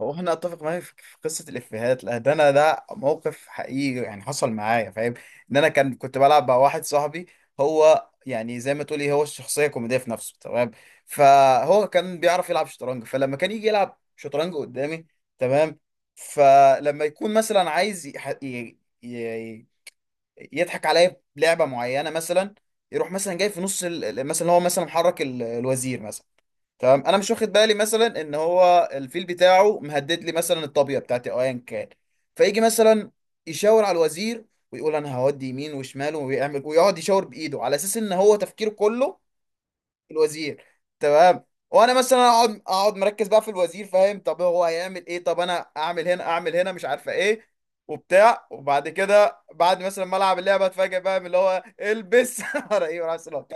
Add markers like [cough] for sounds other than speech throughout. هو احنا اتفق معايا في قصه الافيهات؟ لا ده انا، ده موقف حقيقي يعني حصل معايا فاهم. ان انا كان كنت بلعب مع واحد صاحبي، هو يعني زي ما تقولي هو الشخصيه كوميديه في نفسه، تمام. فهو كان بيعرف يلعب شطرنج، فلما كان يجي يلعب شطرنج قدامي، تمام. فلما يكون مثلا عايز يضحك عليا بلعبه معينه مثلا، يروح مثلا جاي في نص مثلا، هو مثلا محرك الوزير مثلا، تمام. انا مش واخد بالي مثلا ان هو الفيل بتاعه مهدد لي مثلا الطابيه بتاعتي او ايا كان. فيجي مثلا يشاور على الوزير ويقول انا هودي يمين وشمال، ويعمل ويقعد يشاور بايده على اساس ان هو تفكيره كله الوزير، تمام. وانا مثلا اقعد مركز بقى في الوزير فاهم، طب هو هيعمل ايه، طب انا اعمل هنا اعمل هنا، مش عارفه ايه وبتاع. وبعد كده بعد مثلا ما العب اللعبه اتفاجئ بقى من اللي هو البس [laughs] ورا ايه ورا اصلا.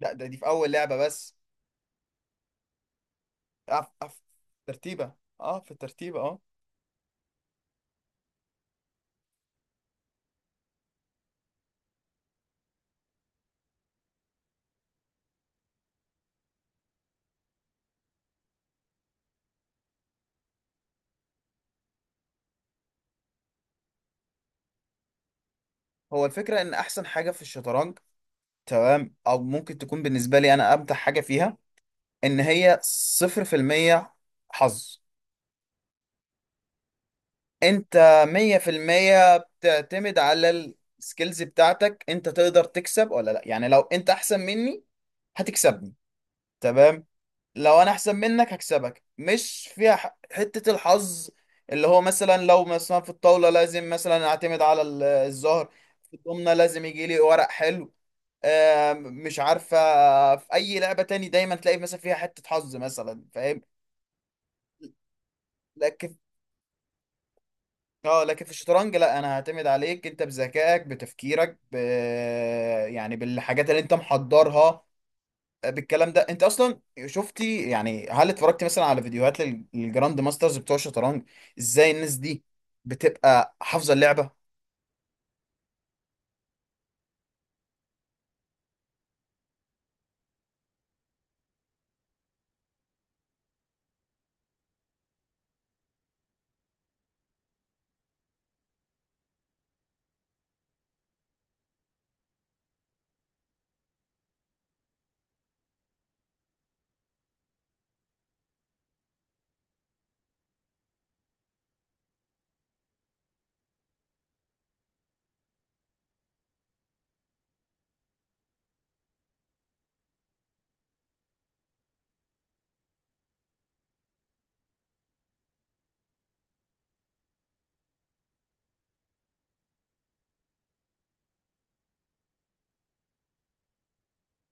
لا ده، دي في اول لعبه بس. أف أف ترتيبة، اه في الترتيبة اه. هو الفكرة ان احسن حاجة في الشطرنج، تمام، او ممكن تكون بالنسبة لي انا امتع حاجة فيها، ان هي صفر في المية حظ. انت مية في المية بتعتمد على السكيلز بتاعتك، انت تقدر تكسب ولا لا. يعني لو انت احسن مني هتكسبني، تمام، لو انا احسن منك هكسبك، مش فيها حتة الحظ اللي هو مثلا لو مثلا في الطاولة لازم مثلا اعتمد على الزهر، في الضمنة لازم يجي لي ورق حلو. مش عارفة، في اي لعبة تاني دايما تلاقي مثلا فيها حتة حظ مثلا فاهم. لكن، اه لكن في الشطرنج لا، انا هعتمد عليك انت بذكائك بتفكيرك يعني بالحاجات اللي انت محضرها بالكلام ده انت اصلا. شفتي يعني، هل اتفرجتي مثلا على فيديوهات للجراند ماسترز بتوع الشطرنج ازاي الناس دي بتبقى حافظه اللعبه؟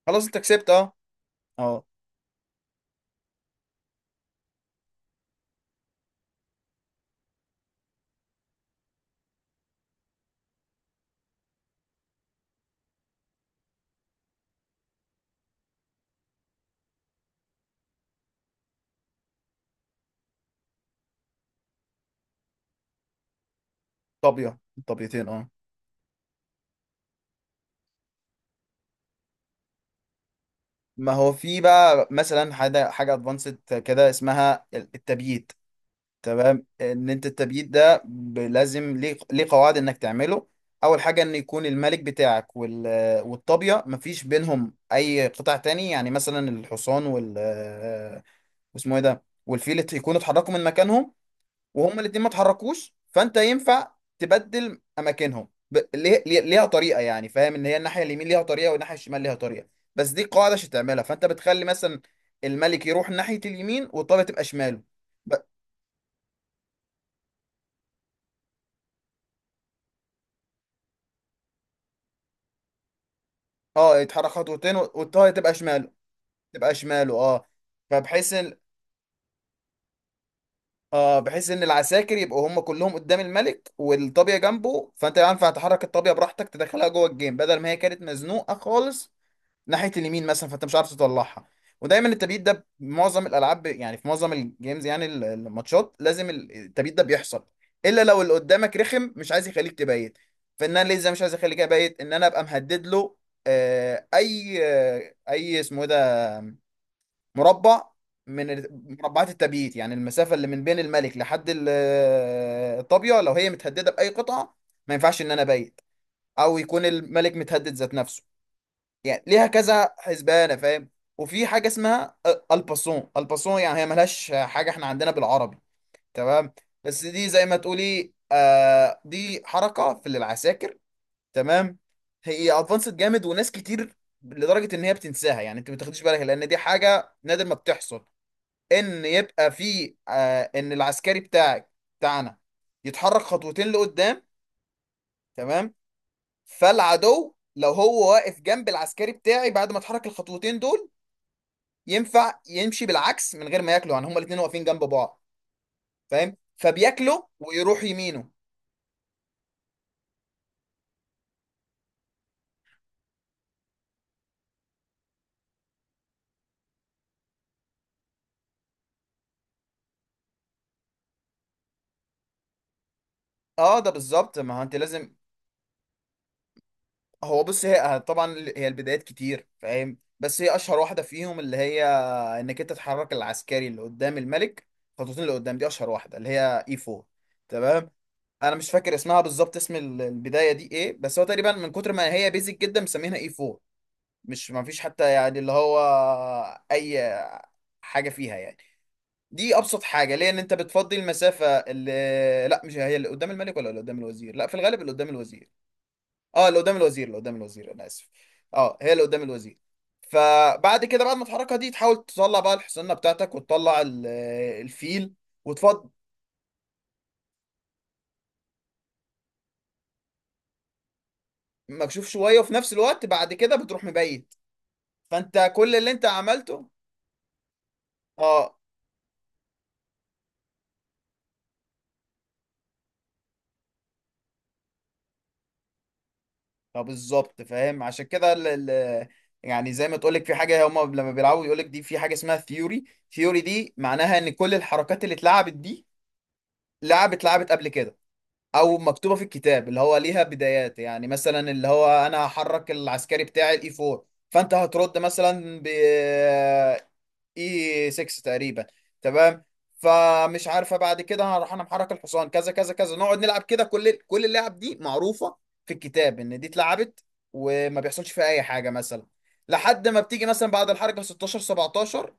خلاص انت كسبت اه. اه طابيه، طابيتين اه. ما هو في بقى مثلا حاجه ادفانسد كده اسمها التبييت، تمام. ان انت التبييت ده لازم ليه، قواعد انك تعمله. اول حاجه ان يكون الملك بتاعك والطابيه مفيش بينهم اي قطع تاني، يعني مثلا الحصان واسمه ايه ده والفيل يكونوا اتحركوا من مكانهم وهما الاتنين ما اتحركوش، فانت ينفع تبدل اماكنهم. ليها طريقه يعني فاهم، ان هي الناحيه اليمين ليها طريقه والناحيه الشمال ليها طريقه. بس دي قاعده عشان تعملها، فانت بتخلي مثلا الملك يروح ناحيه اليمين والطابيه تبقى شماله. ب... اه يتحرك خطوتين والطابيه تبقى شماله، تبقى شماله اه. فبحيث ان، اه بحيث ان العساكر يبقوا هم كلهم قدام الملك والطابيه جنبه، فانت ينفع تحرك الطابيه براحتك تدخلها جوه الجيم بدل ما هي كانت مزنوقه خالص ناحيه اليمين مثلا فانت مش عارف تطلعها. ودايما التبييض ده معظم الالعاب، يعني في معظم الجيمز، يعني الماتشات لازم التبييض ده بيحصل، الا لو اللي قدامك رخم مش عايز يخليك تبيت. فان انا ليه ازاي مش عايز اخليك ابيت، ان انا ابقى مهدد له آه، اي آه، اي اسمه إيه ده، مربع من مربعات التبييت، يعني المسافه اللي من بين الملك لحد الطابيه، لو هي متهدده باي قطعه ما ينفعش ان انا ابيت، او يكون الملك متهدد ذات نفسه. يعني ليها كذا حسبانه فاهم. وفي حاجه اسمها الباسون. الباسون يعني هي ملهاش حاجه احنا عندنا بالعربي، تمام، بس دي زي ما تقولي آه دي حركه في العساكر، تمام. هي ادفانسد جامد، وناس كتير لدرجه ان هي بتنساها يعني انت ما بتاخديش بالك، لان دي حاجه نادر ما بتحصل. ان يبقى في ان العسكري بتاعك، بتاعنا، يتحرك خطوتين لقدام، تمام. فالعدو لو هو واقف جنب العسكري بتاعي بعد ما اتحرك الخطوتين دول، ينفع يمشي بالعكس من غير ما ياكله، يعني هما الاثنين واقفين جنب بعض فاهم، فبياكله ويروح يمينه. اه ده بالظبط، ما هو انت لازم. هو بص، هي طبعا هي البدايات كتير فاهم، بس هي اشهر واحده فيهم اللي هي انك انت تحرك العسكري اللي قدام الملك خطوتين لقدام، دي اشهر واحده، اللي هي اي 4، تمام. انا مش فاكر اسمها بالظبط، اسم البدايه دي ايه، بس هو تقريبا من كتر ما هي بيزك جدا مسمينها اي 4. مش ما فيش حتى يعني اللي هو اي حاجه فيها يعني، دي ابسط حاجه ليه، ان انت بتفضي المسافه اللي، لا مش هي اللي قدام الملك، ولا اللي قدام الوزير، لا في الغالب اللي قدام الوزير. اه اللي قدام الوزير، اللي قدام الوزير، انا اسف، اه هي اللي قدام الوزير. فبعد كده بعد ما تحركها دي تحاول تطلع بقى الحصانه بتاعتك وتطلع الفيل وتفض، مكشوف شويه وفي نفس الوقت بعد كده بتروح مبيت، فانت كل اللي انت عملته، اه. طب بالظبط فاهم عشان كده ال ال يعني زي ما تقولك في حاجة، هما لما بيلعبوا يقولك دي في حاجة اسمها ثيوري. ثيوري دي معناها ان كل الحركات اللي اتلعبت دي لعبت قبل كده، او مكتوبة في الكتاب اللي هو ليها بدايات. يعني مثلا اللي هو انا هحرك العسكري بتاعي الاي 4، فانت هترد مثلا ب اي 6 تقريبا، تمام. فمش عارفه بعد كده هروح انا محرك الحصان كذا كذا كذا، نقعد نلعب كده، كل اللعب دي معروفه في الكتاب ان دي اتلعبت وما بيحصلش فيها اي حاجه مثلا، لحد ما بتيجي مثلا بعد الحركه 16 17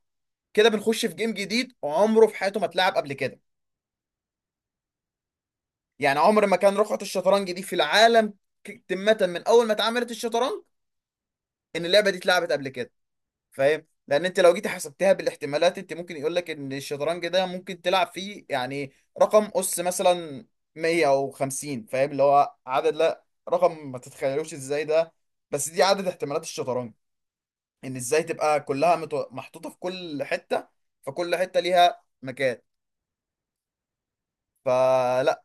كده بنخش في جيم جديد عمره في حياته ما اتلعب قبل كده. يعني عمر ما كان رقعه الشطرنج دي في العالم، تمه من اول ما اتعملت الشطرنج، ان اللعبه دي اتلعبت قبل كده فاهم. لان انت لو جيتي حسبتها بالاحتمالات، انت ممكن يقول لك ان الشطرنج ده ممكن تلعب فيه يعني رقم اس مثلا 100 او 50 فاهم، اللي هو عدد، لا رقم ما تتخيلوش ازاي ده، بس دي عدد احتمالات الشطرنج، ان ازاي تبقى كلها محطوطة في كل حتة، فكل حتة ليها مكان. فلا،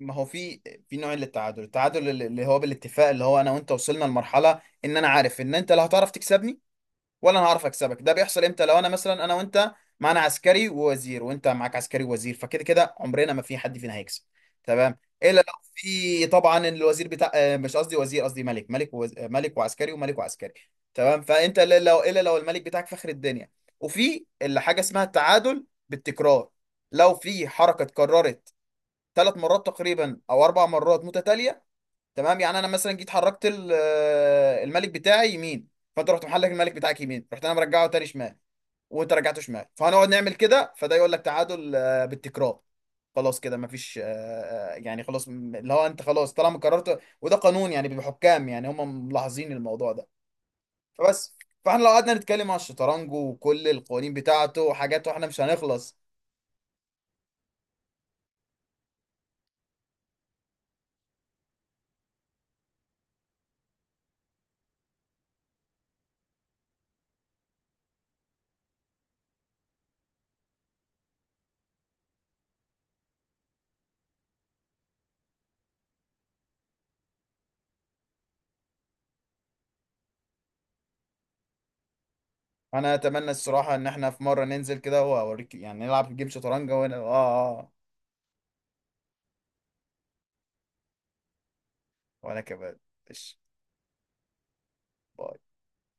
ما هو في نوع للتعادل، التعادل اللي هو بالاتفاق، اللي هو انا وانت وصلنا لمرحلة ان انا عارف ان انت لا هتعرف تكسبني ولا انا هعرف اكسبك. ده بيحصل امتى؟ لو انا مثلا، انا وانت معانا عسكري ووزير، وانت معاك عسكري ووزير، فكده كده عمرنا ما في حد فينا هيكسب، تمام، الا لو في طبعا الوزير بتاع مش قصدي وزير، قصدي ملك، ملك ووز... آه، ملك وعسكري وملك وعسكري، تمام. فانت الا لو الملك بتاعك فخر الدنيا. وفي اللي حاجه اسمها التعادل بالتكرار، لو في حركه اتكررت 3 مرات تقريبا او 4 مرات متتاليه، تمام. يعني انا مثلا جيت حركت الملك بتاعي يمين، فانت رحت محلك الملك بتاعك يمين، رحت انا مرجعه تاني شمال، وانت رجعته شمال، فهنقعد نعمل كده، فده يقول لك تعادل بالتكرار. خلاص كده مفيش يعني خلاص، اللي هو انت خلاص طالما قررت، وده قانون يعني بحكام، يعني هم ملاحظين الموضوع ده، فبس. فاحنا لو قعدنا نتكلم على الشطرنج وكل القوانين بتاعته وحاجاته احنا مش هنخلص. انا اتمنى الصراحه ان احنا في مره ننزل كده واوريك يعني نلعب جيم شطرنج، وانا اه اه. وانا كمان. ماشي. باي.